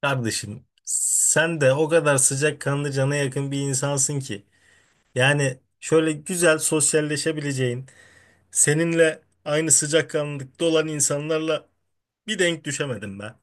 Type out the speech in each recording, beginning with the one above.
Kardeşim sen de o kadar sıcakkanlı cana yakın bir insansın ki. Yani şöyle güzel sosyalleşebileceğin, seninle aynı sıcakkanlılıkta olan insanlarla bir denk düşemedim ben.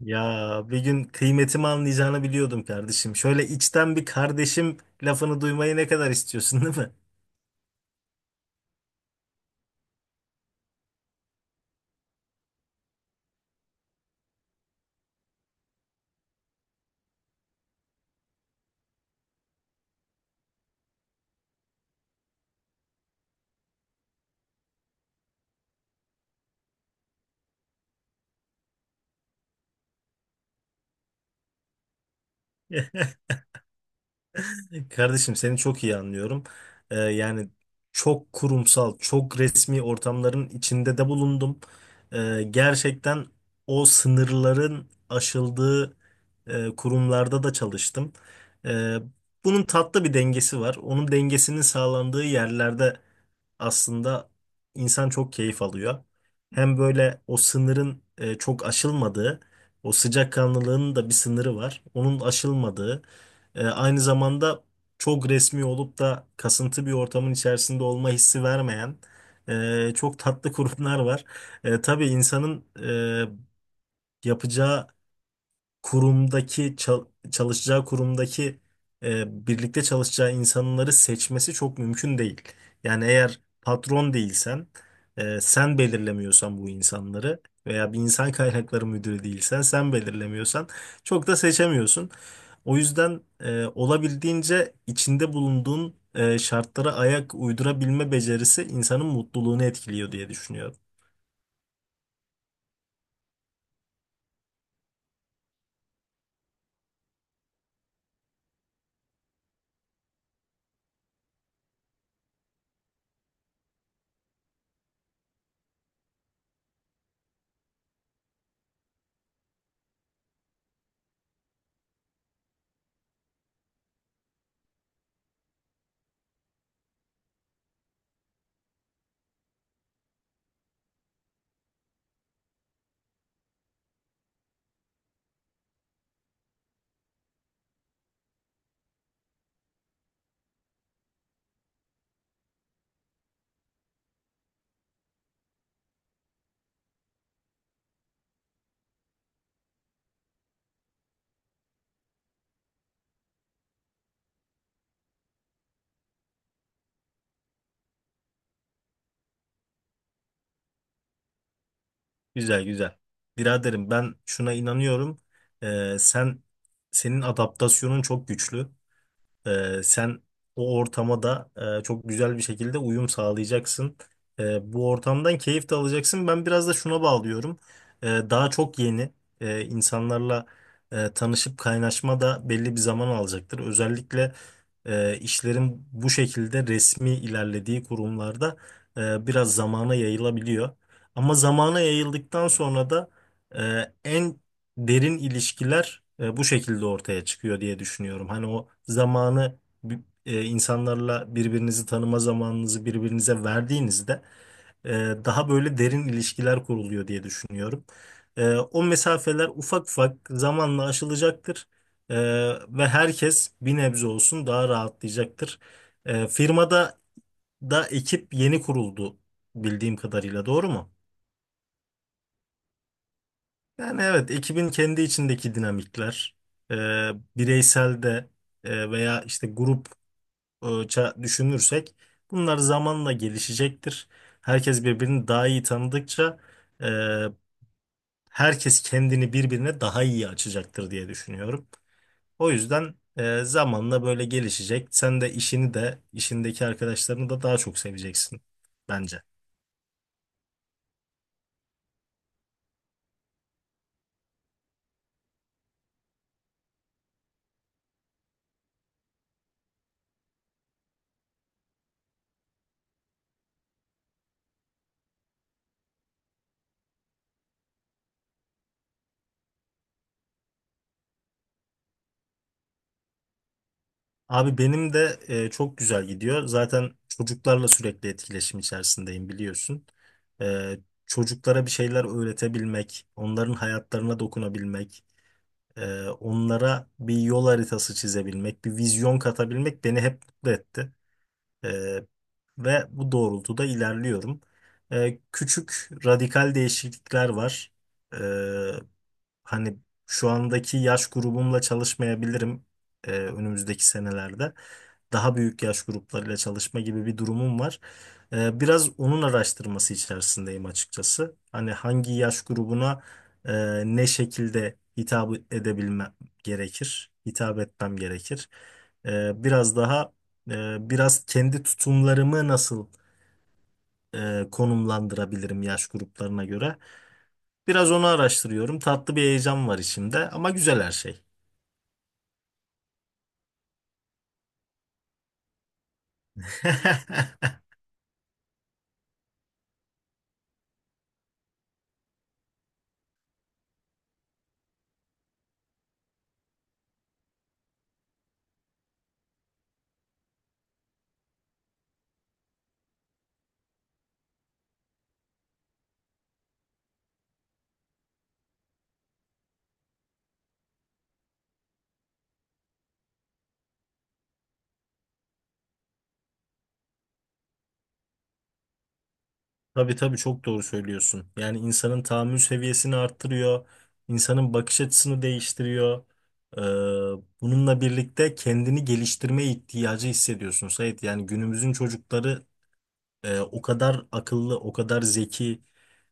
Ya bir gün kıymetimi anlayacağını biliyordum kardeşim. Şöyle içten bir kardeşim lafını duymayı ne kadar istiyorsun değil mi? Kardeşim seni çok iyi anlıyorum. Yani çok kurumsal, çok resmi ortamların içinde de bulundum. Gerçekten o sınırların aşıldığı kurumlarda da çalıştım. Ee, Bunun tatlı bir dengesi var. Onun dengesinin sağlandığı yerlerde aslında insan çok keyif alıyor. Hem böyle o sınırın çok aşılmadığı, o sıcakkanlılığın da bir sınırı var. Onun aşılmadığı, aynı zamanda çok resmi olup da kasıntı bir ortamın içerisinde olma hissi vermeyen çok tatlı kurumlar var. E, tabii insanın yapacağı kurumdaki çalışacağı kurumdaki birlikte çalışacağı insanları seçmesi çok mümkün değil. Yani eğer patron değilsen, sen belirlemiyorsan bu insanları veya bir insan kaynakları müdürü değilsen, sen belirlemiyorsan çok da seçemiyorsun. O yüzden olabildiğince içinde bulunduğun şartlara ayak uydurabilme becerisi insanın mutluluğunu etkiliyor diye düşünüyorum. Güzel güzel. Biraderim ben şuna inanıyorum. Sen senin adaptasyonun çok güçlü. Sen o ortama da çok güzel bir şekilde uyum sağlayacaksın. Bu ortamdan keyif de alacaksın. Ben biraz da şuna bağlıyorum. Daha çok yeni insanlarla tanışıp kaynaşma da belli bir zaman alacaktır. Özellikle işlerin bu şekilde resmi ilerlediği kurumlarda biraz zamana yayılabiliyor. Ama zamana yayıldıktan sonra da en derin ilişkiler bu şekilde ortaya çıkıyor diye düşünüyorum. Hani o zamanı bi- insanlarla birbirinizi tanıma zamanınızı birbirinize verdiğinizde e, daha böyle derin ilişkiler kuruluyor diye düşünüyorum. O mesafeler ufak ufak zamanla aşılacaktır. E, Ve herkes bir nebze olsun daha rahatlayacaktır. Firmada da ekip yeni kuruldu bildiğim kadarıyla doğru mu? Yani evet, ekibin kendi içindeki dinamikler, e, bireysel de veya işte grupça düşünürsek bunlar zamanla gelişecektir. Herkes birbirini daha iyi tanıdıkça e, herkes kendini birbirine daha iyi açacaktır diye düşünüyorum. O yüzden zamanla böyle gelişecek. Sen de işini de işindeki arkadaşlarını da daha çok seveceksin bence. Abi benim de çok güzel gidiyor. Zaten çocuklarla sürekli etkileşim içerisindeyim biliyorsun. E, Çocuklara bir şeyler öğretebilmek, onların hayatlarına dokunabilmek, onlara bir yol haritası çizebilmek, bir vizyon katabilmek beni hep mutlu etti. E, Ve bu doğrultuda ilerliyorum. Küçük radikal değişiklikler var. E, Hani şu andaki yaş grubumla çalışmayabilirim, önümüzdeki senelerde daha büyük yaş gruplarıyla çalışma gibi bir durumum var. Biraz onun araştırması içerisindeyim açıkçası. Hani hangi yaş grubuna e, ne şekilde hitap edebilmem gerekir, hitap etmem gerekir. Biraz daha biraz kendi tutumlarımı nasıl konumlandırabilirim yaş gruplarına göre. Biraz onu araştırıyorum. Tatlı bir heyecan var içimde ama güzel her şey. Tabii tabii çok doğru söylüyorsun. Yani insanın tahammül seviyesini arttırıyor, insanın bakış açısını değiştiriyor. Ee, Bununla birlikte kendini geliştirme ihtiyacı hissediyorsun Sait. Yani günümüzün çocukları o kadar akıllı, o kadar zeki,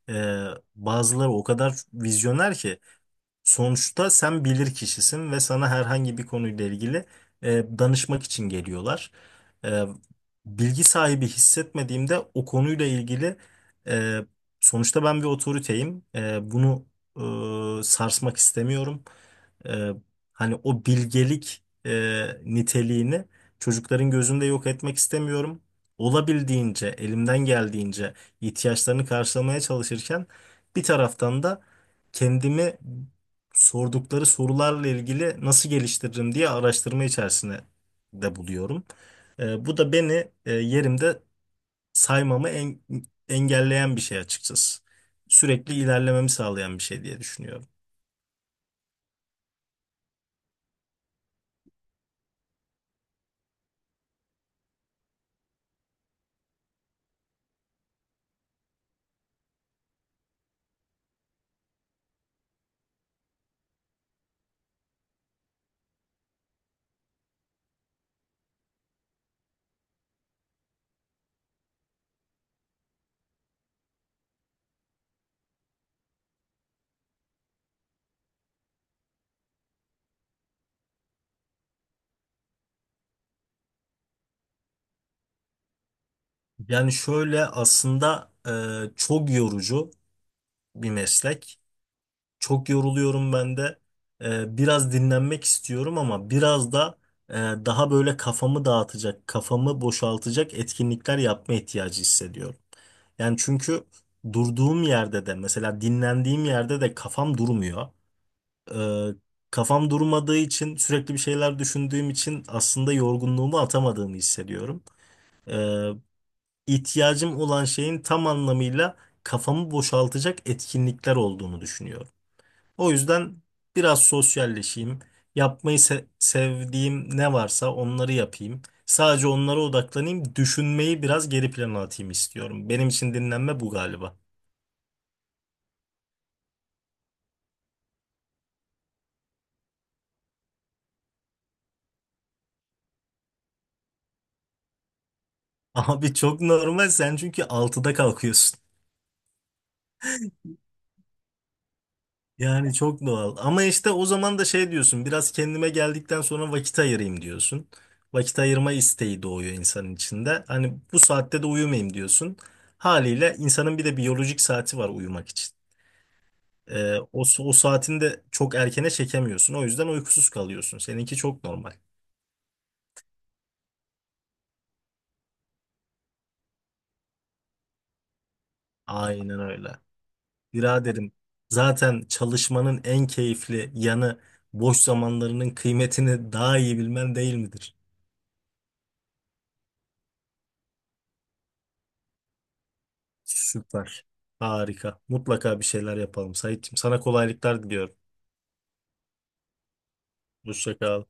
e, bazıları o kadar vizyoner ki. Sonuçta sen bilir kişisin ve sana herhangi bir konuyla ilgili danışmak için geliyorlar. E, Bilgi sahibi hissetmediğimde o konuyla ilgili, e, sonuçta ben bir otoriteyim. Bunu sarsmak istemiyorum. E, Hani o bilgelik niteliğini çocukların gözünde yok etmek istemiyorum. Olabildiğince, elimden geldiğince ihtiyaçlarını karşılamaya çalışırken bir taraftan da kendimi sordukları sorularla ilgili nasıl geliştiririm diye araştırma içerisinde de buluyorum. Bu da beni yerimde saymamı engelleyen bir şey açıkçası. Sürekli ilerlememi sağlayan bir şey diye düşünüyorum. Yani şöyle aslında çok yorucu bir meslek. Çok yoruluyorum ben de. Biraz dinlenmek istiyorum ama biraz da daha böyle kafamı dağıtacak, kafamı boşaltacak etkinlikler yapma ihtiyacı hissediyorum. Yani çünkü durduğum yerde de mesela dinlendiğim yerde de kafam durmuyor. Ee, Kafam durmadığı için sürekli bir şeyler düşündüğüm için aslında yorgunluğumu atamadığımı hissediyorum. Ee, ihtiyacım olan şeyin tam anlamıyla kafamı boşaltacak etkinlikler olduğunu düşünüyorum. O yüzden biraz sosyalleşeyim. Yapmayı sevdiğim ne varsa onları yapayım. Sadece onlara odaklanayım. Düşünmeyi biraz geri plana atayım istiyorum. Benim için dinlenme bu galiba. Abi çok normal sen çünkü altıda kalkıyorsun. Yani çok doğal. Ama işte o zaman da şey diyorsun, biraz kendime geldikten sonra vakit ayırayım diyorsun. Vakit ayırma isteği doğuyor insanın içinde. Hani bu saatte de uyumayayım diyorsun. Haliyle insanın bir de biyolojik saati var uyumak için. O saatini de çok erkene çekemiyorsun. O yüzden uykusuz kalıyorsun. Seninki çok normal. Aynen öyle. Biraderim zaten çalışmanın en keyifli yanı boş zamanlarının kıymetini daha iyi bilmen değil midir? Süper. Harika. Mutlaka bir şeyler yapalım Saitçiğim. Sana kolaylıklar diliyorum. Hoşça kal.